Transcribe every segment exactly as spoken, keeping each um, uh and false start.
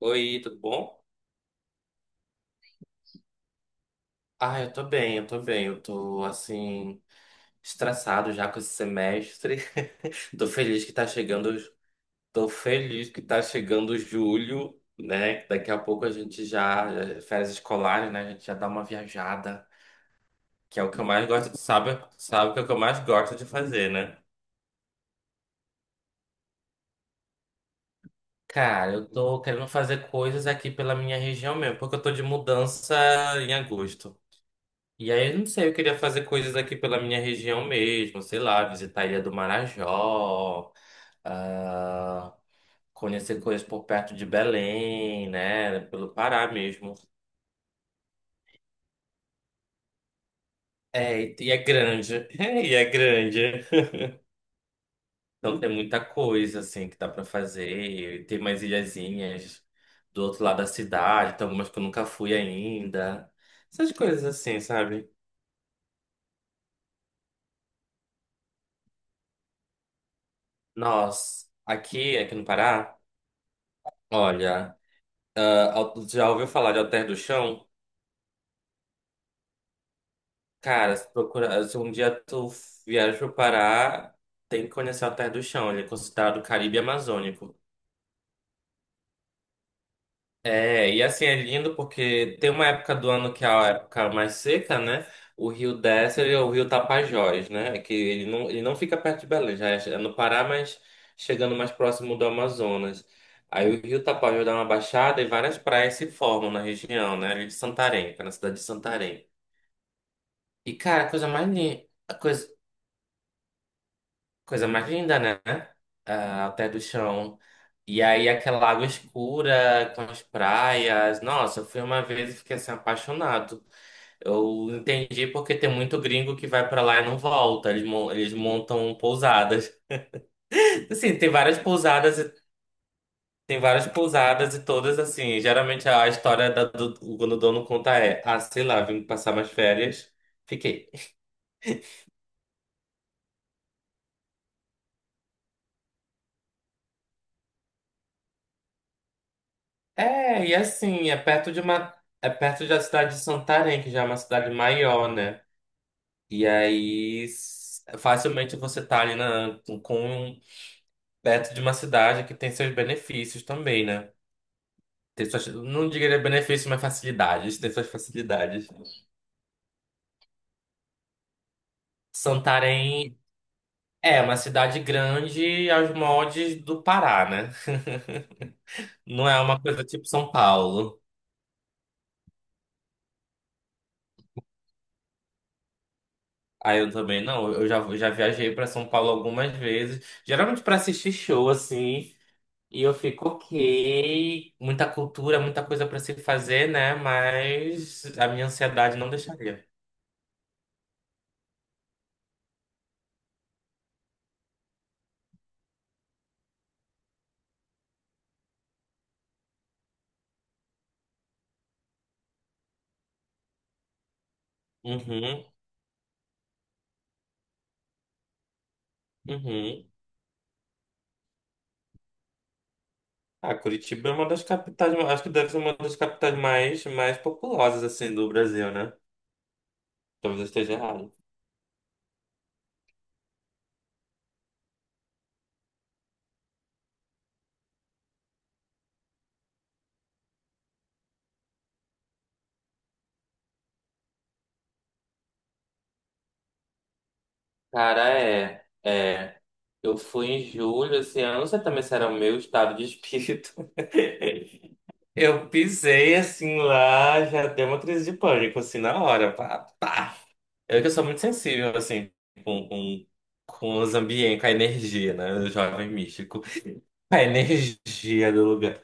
Oi, tudo bom? Ah, eu tô bem, eu tô bem. Eu tô, assim, estressado já com esse semestre. Tô feliz que tá chegando, tô feliz que tá chegando julho, né? Daqui a pouco a gente já, eh, férias escolares, né? A gente já dá uma viajada, que é o que eu mais gosto de, sabe? Sabe que é o que eu mais gosto de fazer, né? Cara, eu tô querendo fazer coisas aqui pela minha região mesmo, porque eu tô de mudança em agosto. E aí, eu não sei, eu queria fazer coisas aqui pela minha região mesmo, sei lá, visitar a Ilha do Marajó, ah, conhecer coisas por perto de Belém, né? Pelo Pará mesmo. É, e e é grande, e é grande. Então tem muita coisa, assim, que dá pra fazer. Tem mais ilhazinhas do outro lado da cidade, tem algumas que eu nunca fui ainda. Essas coisas assim, sabe? Nós, aqui, aqui no Pará, olha. Al- Já ouviu falar de Alter do Chão? Cara, se, procura, se um dia tu viaja pro Pará, tem que conhecer Alter do Chão. Ele é considerado Caribe Amazônico. É, e assim, é lindo porque tem uma época do ano que é a época mais seca, né? O rio desce, ele é o rio Tapajós, né? Que ele não, ele não fica perto de Belém, já é é no Pará, mas chegando mais próximo do Amazonas. Aí o rio Tapajós dá uma baixada e várias praias se formam na região, né? Ali de Santarém, que é na cidade de Santarém. E, cara, a coisa mais linda, a coisa, coisa mais linda, né? Ah, até do chão. E aí, aquela água escura com as praias. Nossa, eu fui uma vez e fiquei assim, apaixonado. Eu entendi porque tem muito gringo que vai pra lá e não volta. Eles, mon- eles montam pousadas. Assim, tem várias pousadas, e- tem várias pousadas e todas assim. Geralmente a história da, do, quando o dono conta é: ah, sei lá, vim passar umas férias, fiquei. É, e assim, é perto de uma, é perto da cidade de Santarém, que já é uma cidade maior, né? E aí, s- facilmente você tá ali na, com, perto de uma cidade que tem seus benefícios também, né? Tem suas, não diria benefícios, mas facilidades, tem suas facilidades. Santarém é uma cidade grande aos moldes do Pará, né? Não é uma coisa tipo São Paulo. Ah, eu também não. Eu já, eu já viajei para São Paulo algumas vezes, geralmente para assistir show assim, e eu fico ok, muita cultura, muita coisa para se fazer, né? Mas a minha ansiedade não deixaria. Uhum, uhum. Ah, Curitiba é uma das capitais, acho que deve ser uma das capitais mais mais populosas assim do Brasil, né? Talvez eu esteja errado. Cara, é, é. Eu fui em julho esse ano, não sei também se era o meu estado de espírito. Eu pisei assim lá, já deu uma crise de pânico, assim, na hora. Pá, pá. Eu que sou muito sensível, assim, com, com, com os ambientes, com a energia, né? O jovem místico. A energia do lugar.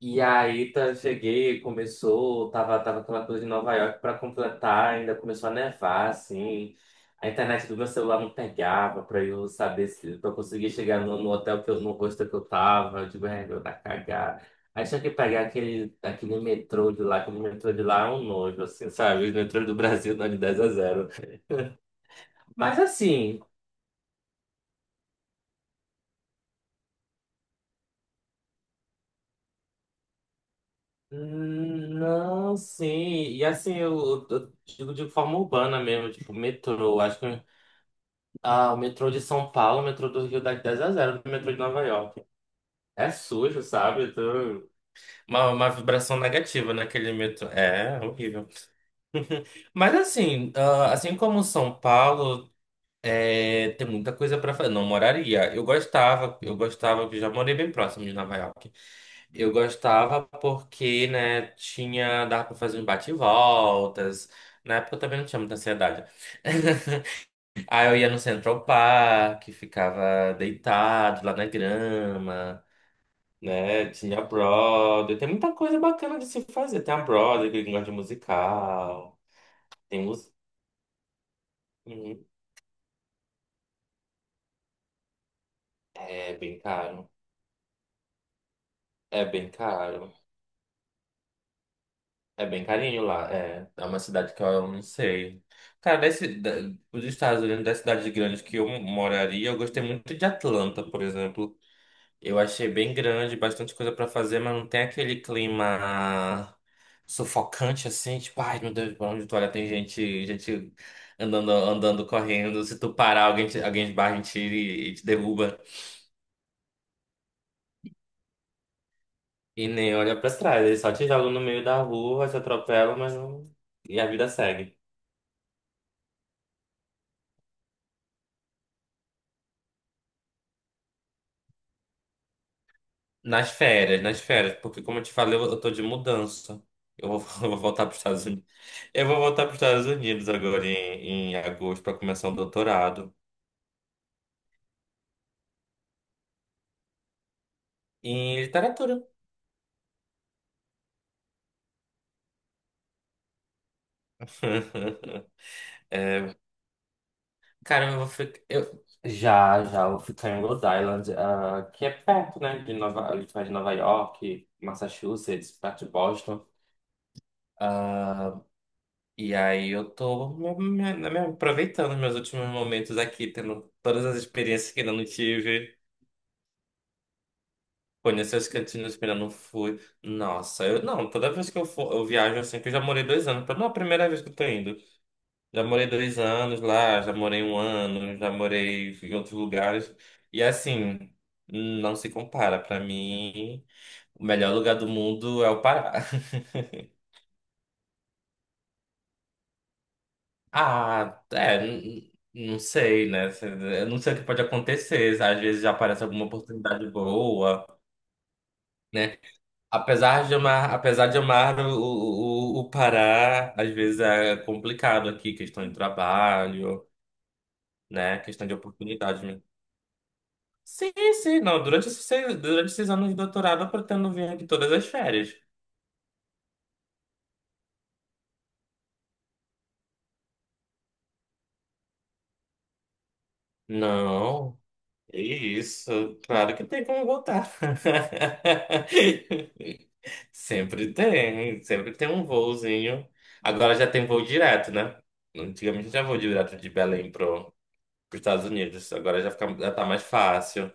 E aí tá, cheguei, começou, tava, tava aquela coisa de Nova York pra completar, ainda começou a nevar, assim. A internet do meu celular não pegava pra eu saber se pra eu conseguir chegar no, no hotel que eu, no hostel que eu tava, eu digo, é, meu, tá cagado. Aí tinha que pegar aquele, aquele metrô de lá, que o metrô de lá é um nojo, assim, sabe? O metrô do Brasil não é de dez a zero. Mas assim, hum, não, sim. E assim, eu, eu eu digo de forma urbana mesmo, tipo, metrô. Acho que. Ah, o metrô de São Paulo, o metrô do Rio dá de dez a zero do metrô de Nova York. É sujo, sabe? Tu- Uma, uma vibração negativa naquele metrô. É horrível. Mas assim, ah, assim como São Paulo, é, tem muita coisa pra fazer. Não moraria. Eu gostava, eu gostava, que já morei bem próximo de Nova York. Eu gostava porque, né, tinha, dava pra fazer uns bate-voltas. Na época eu também não tinha muita ansiedade. Aí eu ia no Central Park, ficava deitado lá na grama, né? Tinha a Broadway, tem muita coisa bacana de se fazer. Tem a Broadway, que gosta de musical, tem mus... Uhum. É bem caro, é bem caro, é bem carinho lá, é. É uma cidade que eu não sei. Cara, desse, da, dos Estados Unidos, das cidades grandes que eu moraria, eu gostei muito de Atlanta, por exemplo. Eu achei bem grande, bastante coisa pra fazer, mas não tem aquele clima sufocante assim, tipo, ai meu Deus, pra onde tu olha tem gente, gente andando, andando, correndo. Se tu parar, alguém te, alguém esbarra em ti e, e te derruba. E nem olha pra trás, eles só te jogam no meio da rua, te atropelam, mas não... E a vida segue. Nas férias, nas férias, porque como eu te falei, eu eu tô de mudança. Eu vou, eu vou voltar para os Estados Unidos. Eu vou voltar para os Estados Unidos agora em, em agosto para começar o doutorado. Em literatura. Cara, eu vou ficar. Eu... Já, já, eu vou ficar em Rhode Island, ah, que é perto, né? De Nova... ali perto de Nova York, Massachusetts, perto de Boston. Ah, e aí eu tô me, me- né, me aproveitando os meus últimos momentos aqui, tendo todas as experiências que ainda não tive, conhecer os cantinhos que ainda não fui. Nossa, eu não, toda vez que eu for, eu viajo assim, que eu já morei dois anos, não é a primeira vez que eu tô indo. Já morei dois anos lá, já morei um ano, já morei em outros lugares. E assim, não se compara. Pra mim, o melhor lugar do mundo é o Pará. Ah, é, n- n- não sei, né? Se- Eu não sei o que pode acontecer. Às vezes já aparece alguma oportunidade boa, né? Apesar de amar, apesar de amar o, o, o Pará, às vezes é complicado aqui, questão de trabalho, né? Questão de oportunidade. Sim, sim. Não, durante esses seis, durante esses anos de doutorado eu pretendo vir aqui todas as férias. Não, é isso. Claro que tem como voltar. Sempre tem, sempre tem um voozinho. Agora já tem voo direto, né? Antigamente já voo direto de Belém pro, pros Estados Unidos. Agora já, fica, já tá mais fácil.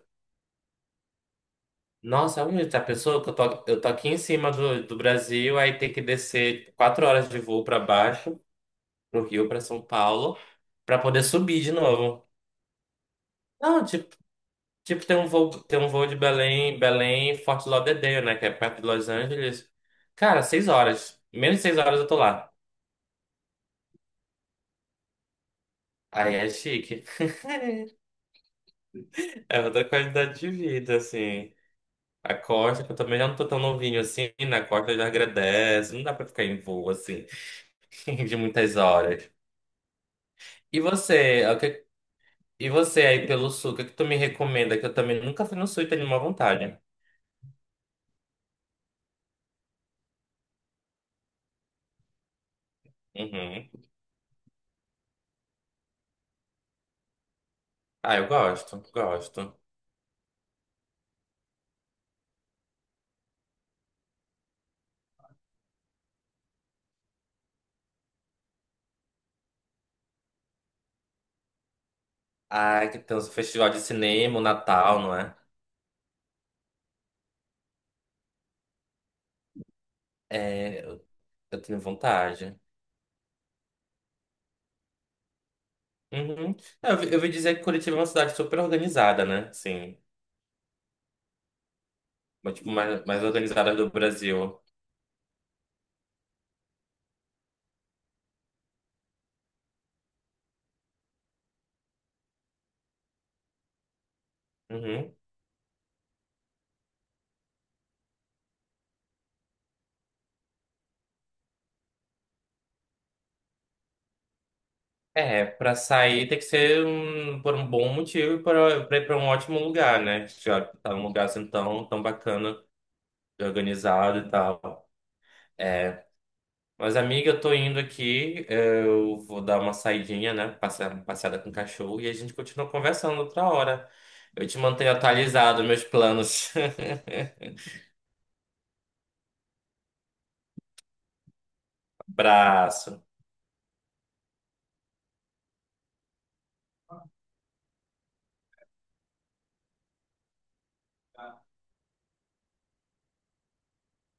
Nossa, onde tá a pessoa que eu tô, eu tô aqui em cima do, do Brasil, aí tem que descer quatro horas de voo para baixo, pro Rio, para São Paulo. Pra poder subir de novo. Não, tipo, tipo tem um voo, tem um voo de Belém, Belém, Fort Lauderdale, né? Que é perto de Los Angeles. Cara, seis horas. Menos de seis horas eu tô lá. Aí é chique. É outra qualidade de vida, assim. A costa, que eu também já não tô tão novinho assim, na costa já agradece. Não dá pra ficar em voo, assim, de muitas horas. E você, é o que- e você aí pelo sul, o que que tu me recomenda? Que eu também nunca fui no sul e tenho uma vontade. Uhum. Ah, eu gosto, gosto. Ai, que tem os festival de cinema, o Natal, não é? É, eu, eu tenho vontade. Uhum. É, Eu, vi- eu ouvi dizer que Curitiba é uma cidade super organizada, né? Sim. Mas, tipo, mais, mais organizada do Brasil. Uhum. É, pra sair tem que ser um- por um bom motivo e pra, pra ir pra um ótimo lugar, né? Já tá um lugar assim tão, tão bacana, organizado e tal. É, Mas, amiga, eu tô indo aqui. eh, Eu vou dar uma saidinha, né? Passear, uma passeada com o cachorro e a gente continua conversando outra hora. Eu te mantenho atualizado, meus planos. Abraço.